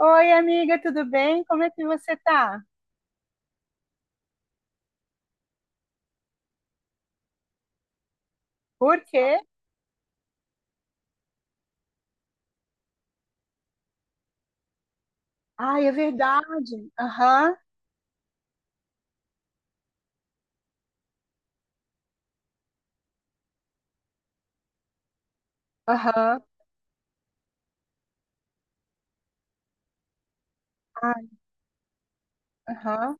Oi, amiga, tudo bem? Como é que você tá? Por quê? Ai, é verdade. Aham, aham, ai, aham.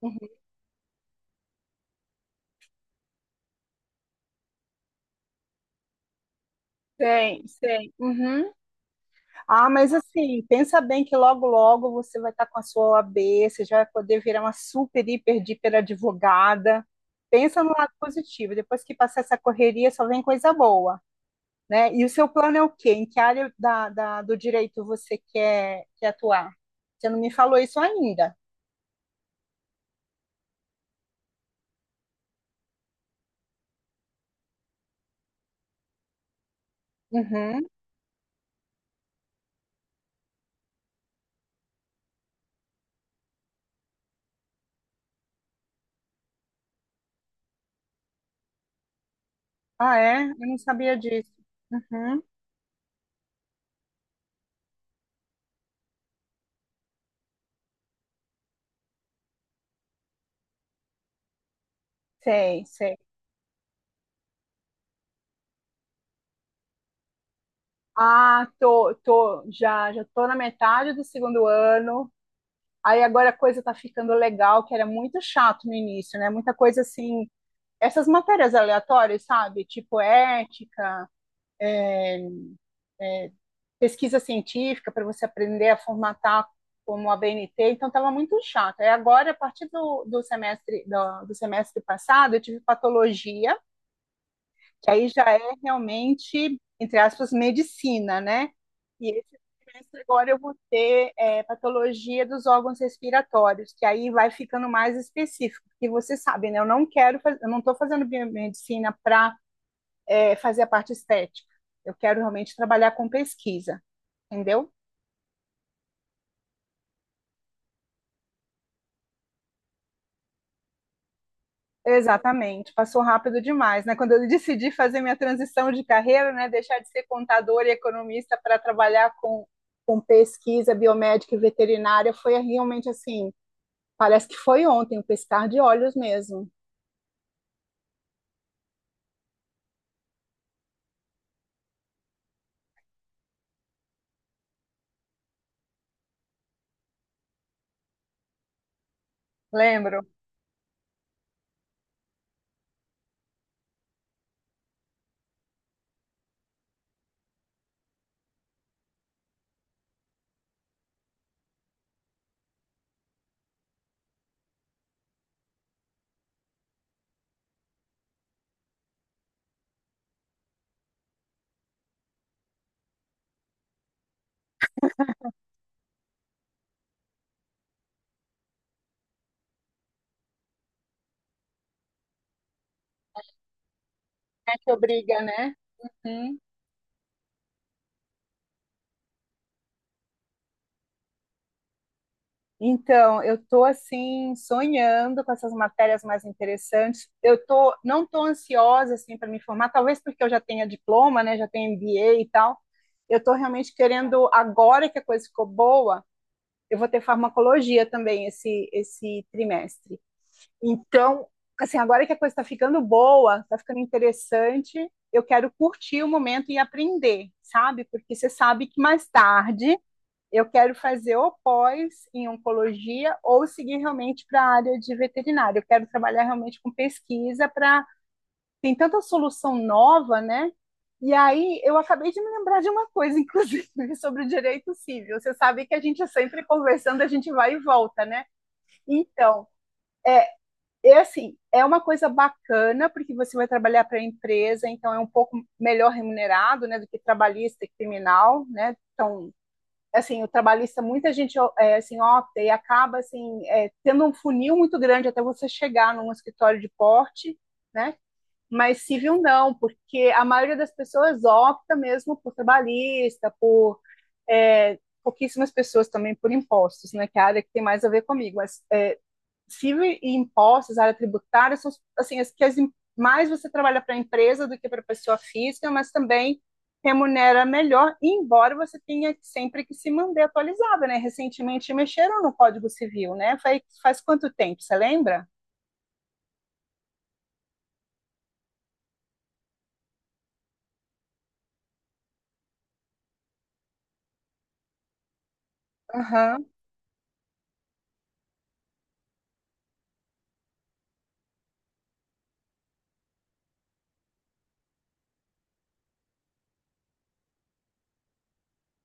Uhum. Sei, sei. Uhum. Ah, mas assim, pensa bem que logo, logo você vai estar com a sua OAB, você já vai poder virar uma super, hiper, hiper advogada. Pensa no lado positivo. Depois que passar essa correria, só vem coisa boa, né? E o seu plano é o quê? Em que área do direito você quer atuar? Você não me falou isso ainda. Uhum. Ah, é? Eu não sabia disso. Uhum. Sei, sei. Ah, tô, já tô na metade do segundo ano. Aí agora a coisa tá ficando legal, que era muito chato no início, né? Muita coisa assim, essas matérias aleatórias, sabe? Tipo ética, é, é, pesquisa científica para você aprender a formatar como a BNT, então estava muito chato. Aí agora, a partir do semestre do semestre passado, eu tive patologia, que aí já é realmente, entre aspas, medicina, né? E esse semestre agora eu vou ter patologia dos órgãos respiratórios, que aí vai ficando mais específico, porque você sabe, né? Eu não quero, eu não estou fazendo biomedicina para fazer a parte estética. Eu quero realmente trabalhar com pesquisa, entendeu? Exatamente, passou rápido demais, né? Quando eu decidi fazer minha transição de carreira, né, deixar de ser contador e economista para trabalhar com pesquisa biomédica e veterinária, foi realmente assim, parece que foi ontem, um piscar de olhos mesmo. Lembro, é que obriga, né? Hum. Então, eu estou assim sonhando com essas matérias mais interessantes. Eu tô não estou ansiosa assim para me formar, talvez porque eu já tenha diploma, né? Já tenho MBA e tal. Eu estou realmente querendo agora que a coisa ficou boa, eu vou ter farmacologia também esse trimestre. Então, assim, agora que a coisa está ficando boa, está ficando interessante, eu quero curtir o momento e aprender, sabe? Porque você sabe que mais tarde eu quero fazer ou pós em oncologia ou seguir realmente para a área de veterinária. Eu quero trabalhar realmente com pesquisa, para tem tanta solução nova, né? E aí eu acabei de me lembrar de uma coisa, inclusive, sobre o direito civil. Você sabe que a gente é sempre conversando, a gente vai e volta, né? Então, é assim, é uma coisa bacana porque você vai trabalhar para a empresa, então é um pouco melhor remunerado, né, do que trabalhista e criminal, né? Então, assim, o trabalhista, muita gente é, assim, opta e acaba assim, é, tendo um funil muito grande até você chegar num escritório de porte, né? Mas civil não, porque a maioria das pessoas opta mesmo por trabalhista, por é, pouquíssimas pessoas também por impostos, né? Que é a área que tem mais a ver comigo, mas civil e impostos, área tributária, são assim, mais você trabalha para a empresa do que para a pessoa física, mas também remunera melhor, embora você tenha sempre que se manter atualizada, né? Recentemente mexeram no Código Civil, né? Faz quanto tempo, você lembra? Aham.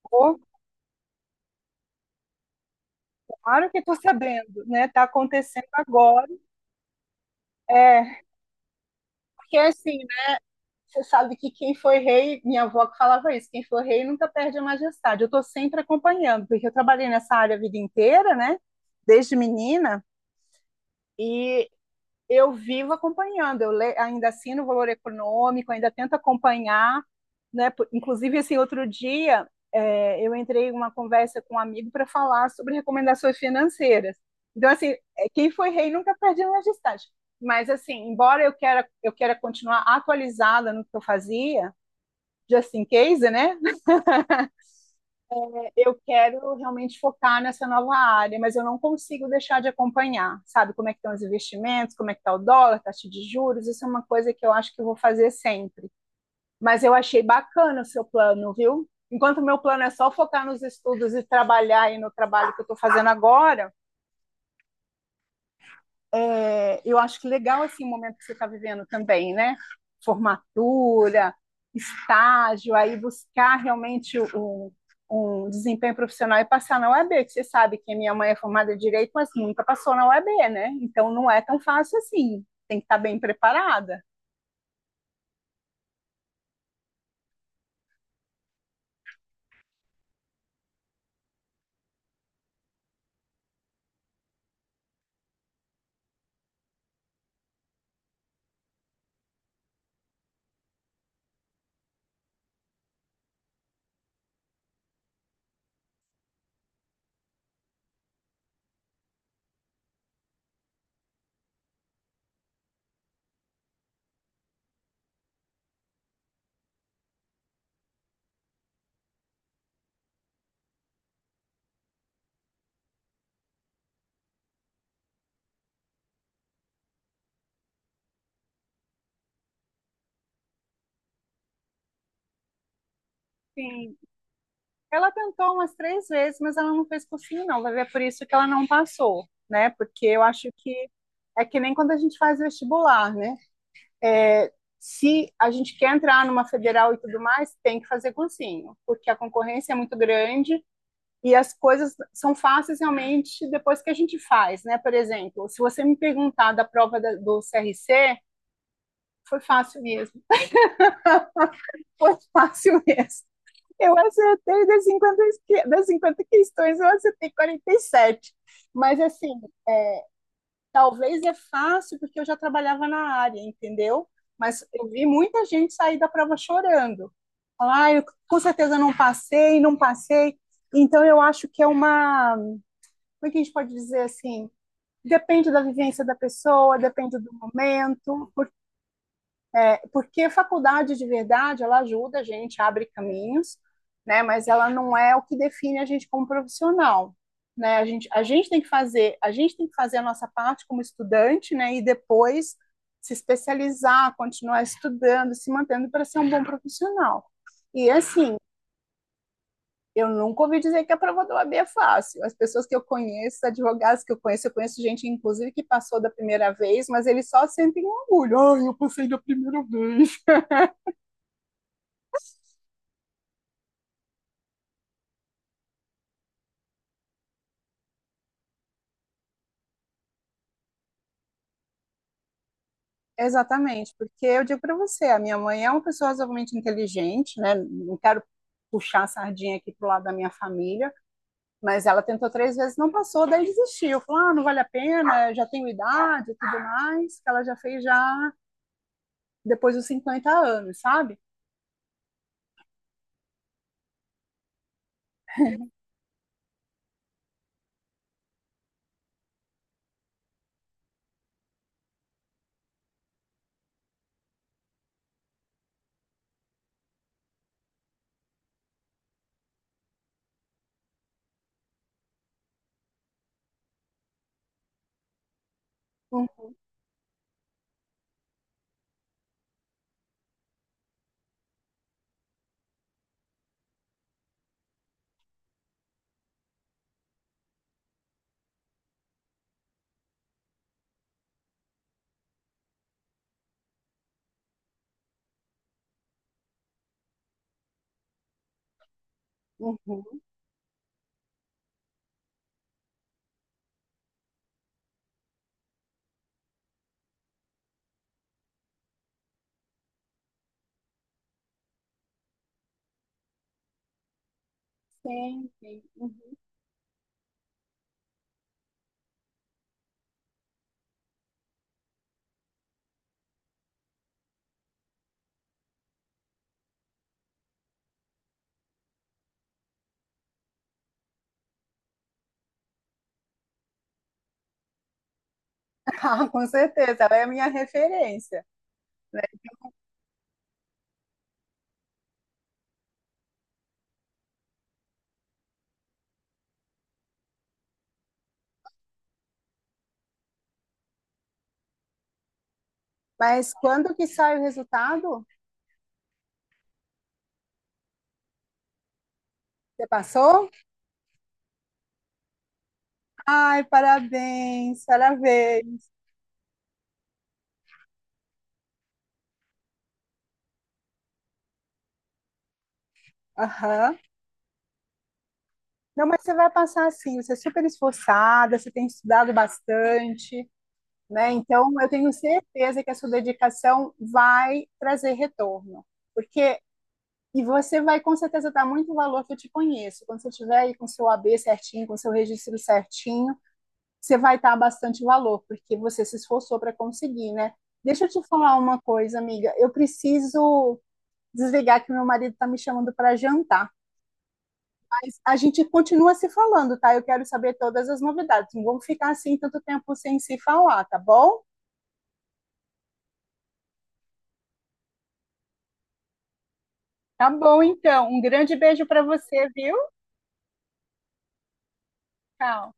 Pô, claro que estou sabendo, né? Está acontecendo agora. É, porque assim, você sabe que quem foi rei, minha avó que falava isso, quem foi rei nunca perde a majestade. Eu estou sempre acompanhando, porque eu trabalhei nessa área a vida inteira, né? Desde menina, e eu vivo acompanhando. Eu le... ainda assino o Valor Econômico, ainda tento acompanhar, né? Inclusive, assim, outro dia é, eu entrei em uma conversa com um amigo para falar sobre recomendações financeiras. Então, assim, é, quem foi rei nunca perde a majestade. Mas, assim, embora eu queira continuar atualizada no que eu fazia, just in case, né? Eu quero realmente focar nessa nova área, mas eu não consigo deixar de acompanhar, sabe? Como é que estão os investimentos, como é que está o dólar, taxa de juros, isso é uma coisa que eu acho que eu vou fazer sempre. Mas eu achei bacana o seu plano, viu? Enquanto o meu plano é só focar nos estudos e trabalhar aí no trabalho que eu estou fazendo agora, é, eu acho que legal assim, o momento que você está vivendo também, né? Formatura, estágio, aí buscar realmente um, um desempenho profissional e passar na UAB, que você sabe que a minha mãe é formada em Direito, mas nunca passou na UAB, né? Então não é tão fácil assim, tem que estar bem preparada. Sim, ela tentou umas três vezes, mas ela não fez cursinho, não. Vai ver é por isso que ela não passou, né? Porque eu acho que é que nem quando a gente faz vestibular, né? É, se a gente quer entrar numa federal e tudo mais, tem que fazer cursinho, porque a concorrência é muito grande e as coisas são fáceis realmente depois que a gente faz, né? Por exemplo, se você me perguntar da prova do CRC, foi fácil mesmo, foi fácil mesmo. Eu acertei das 50, das 50 questões, eu acertei 47. Mas, assim, talvez é fácil porque eu já trabalhava na área, entendeu? Mas eu vi muita gente sair da prova chorando. Falar, ah, eu com certeza não passei, não passei. Então eu acho que é uma, como é que a gente pode dizer assim? Depende da vivência da pessoa, depende do momento, porque a faculdade de verdade, ela ajuda a gente, abre caminhos, né? Mas ela não é o que define a gente como profissional, né? A gente tem que fazer, a gente tem que fazer a nossa parte como estudante, né? E depois se especializar, continuar estudando, se mantendo para ser um bom profissional. E assim, eu nunca ouvi dizer que a prova do AB é fácil. As pessoas que eu conheço, advogados que eu conheço gente, inclusive, que passou da primeira vez, mas eles só sentem um orgulho. Ai, eu passei da primeira vez. Exatamente, porque eu digo para você, a minha mãe é uma pessoa razoavelmente inteligente, né? Não quero puxar a sardinha aqui pro lado da minha família, mas ela tentou três vezes, não passou, daí desistiu. Falou, ah, não vale a pena, eu já tenho idade e tudo mais, que ela já fez já depois dos 50 anos, sabe? Uhum, uhum. Sim, sim. Uhum. Ah, com certeza, ela é a minha referência, né? Mas quando que sai o resultado? Você passou? Ai, parabéns, parabéns. Aham. Não, mas você vai passar assim, você é super esforçada, você tem estudado bastante, né? Então, eu tenho certeza que a sua dedicação vai trazer retorno. Porque, e você vai com certeza dar muito valor, que eu te conheço. Quando você estiver aí com seu AB certinho, com seu registro certinho, você vai dar bastante valor, porque você se esforçou para conseguir, né? Deixa eu te falar uma coisa, amiga. Eu preciso desligar, que meu marido está me chamando para jantar. A gente continua se falando, tá? Eu quero saber todas as novidades. Não vamos ficar assim tanto tempo sem se falar, tá bom? Tá bom, então. Um grande beijo para você, viu? Tchau.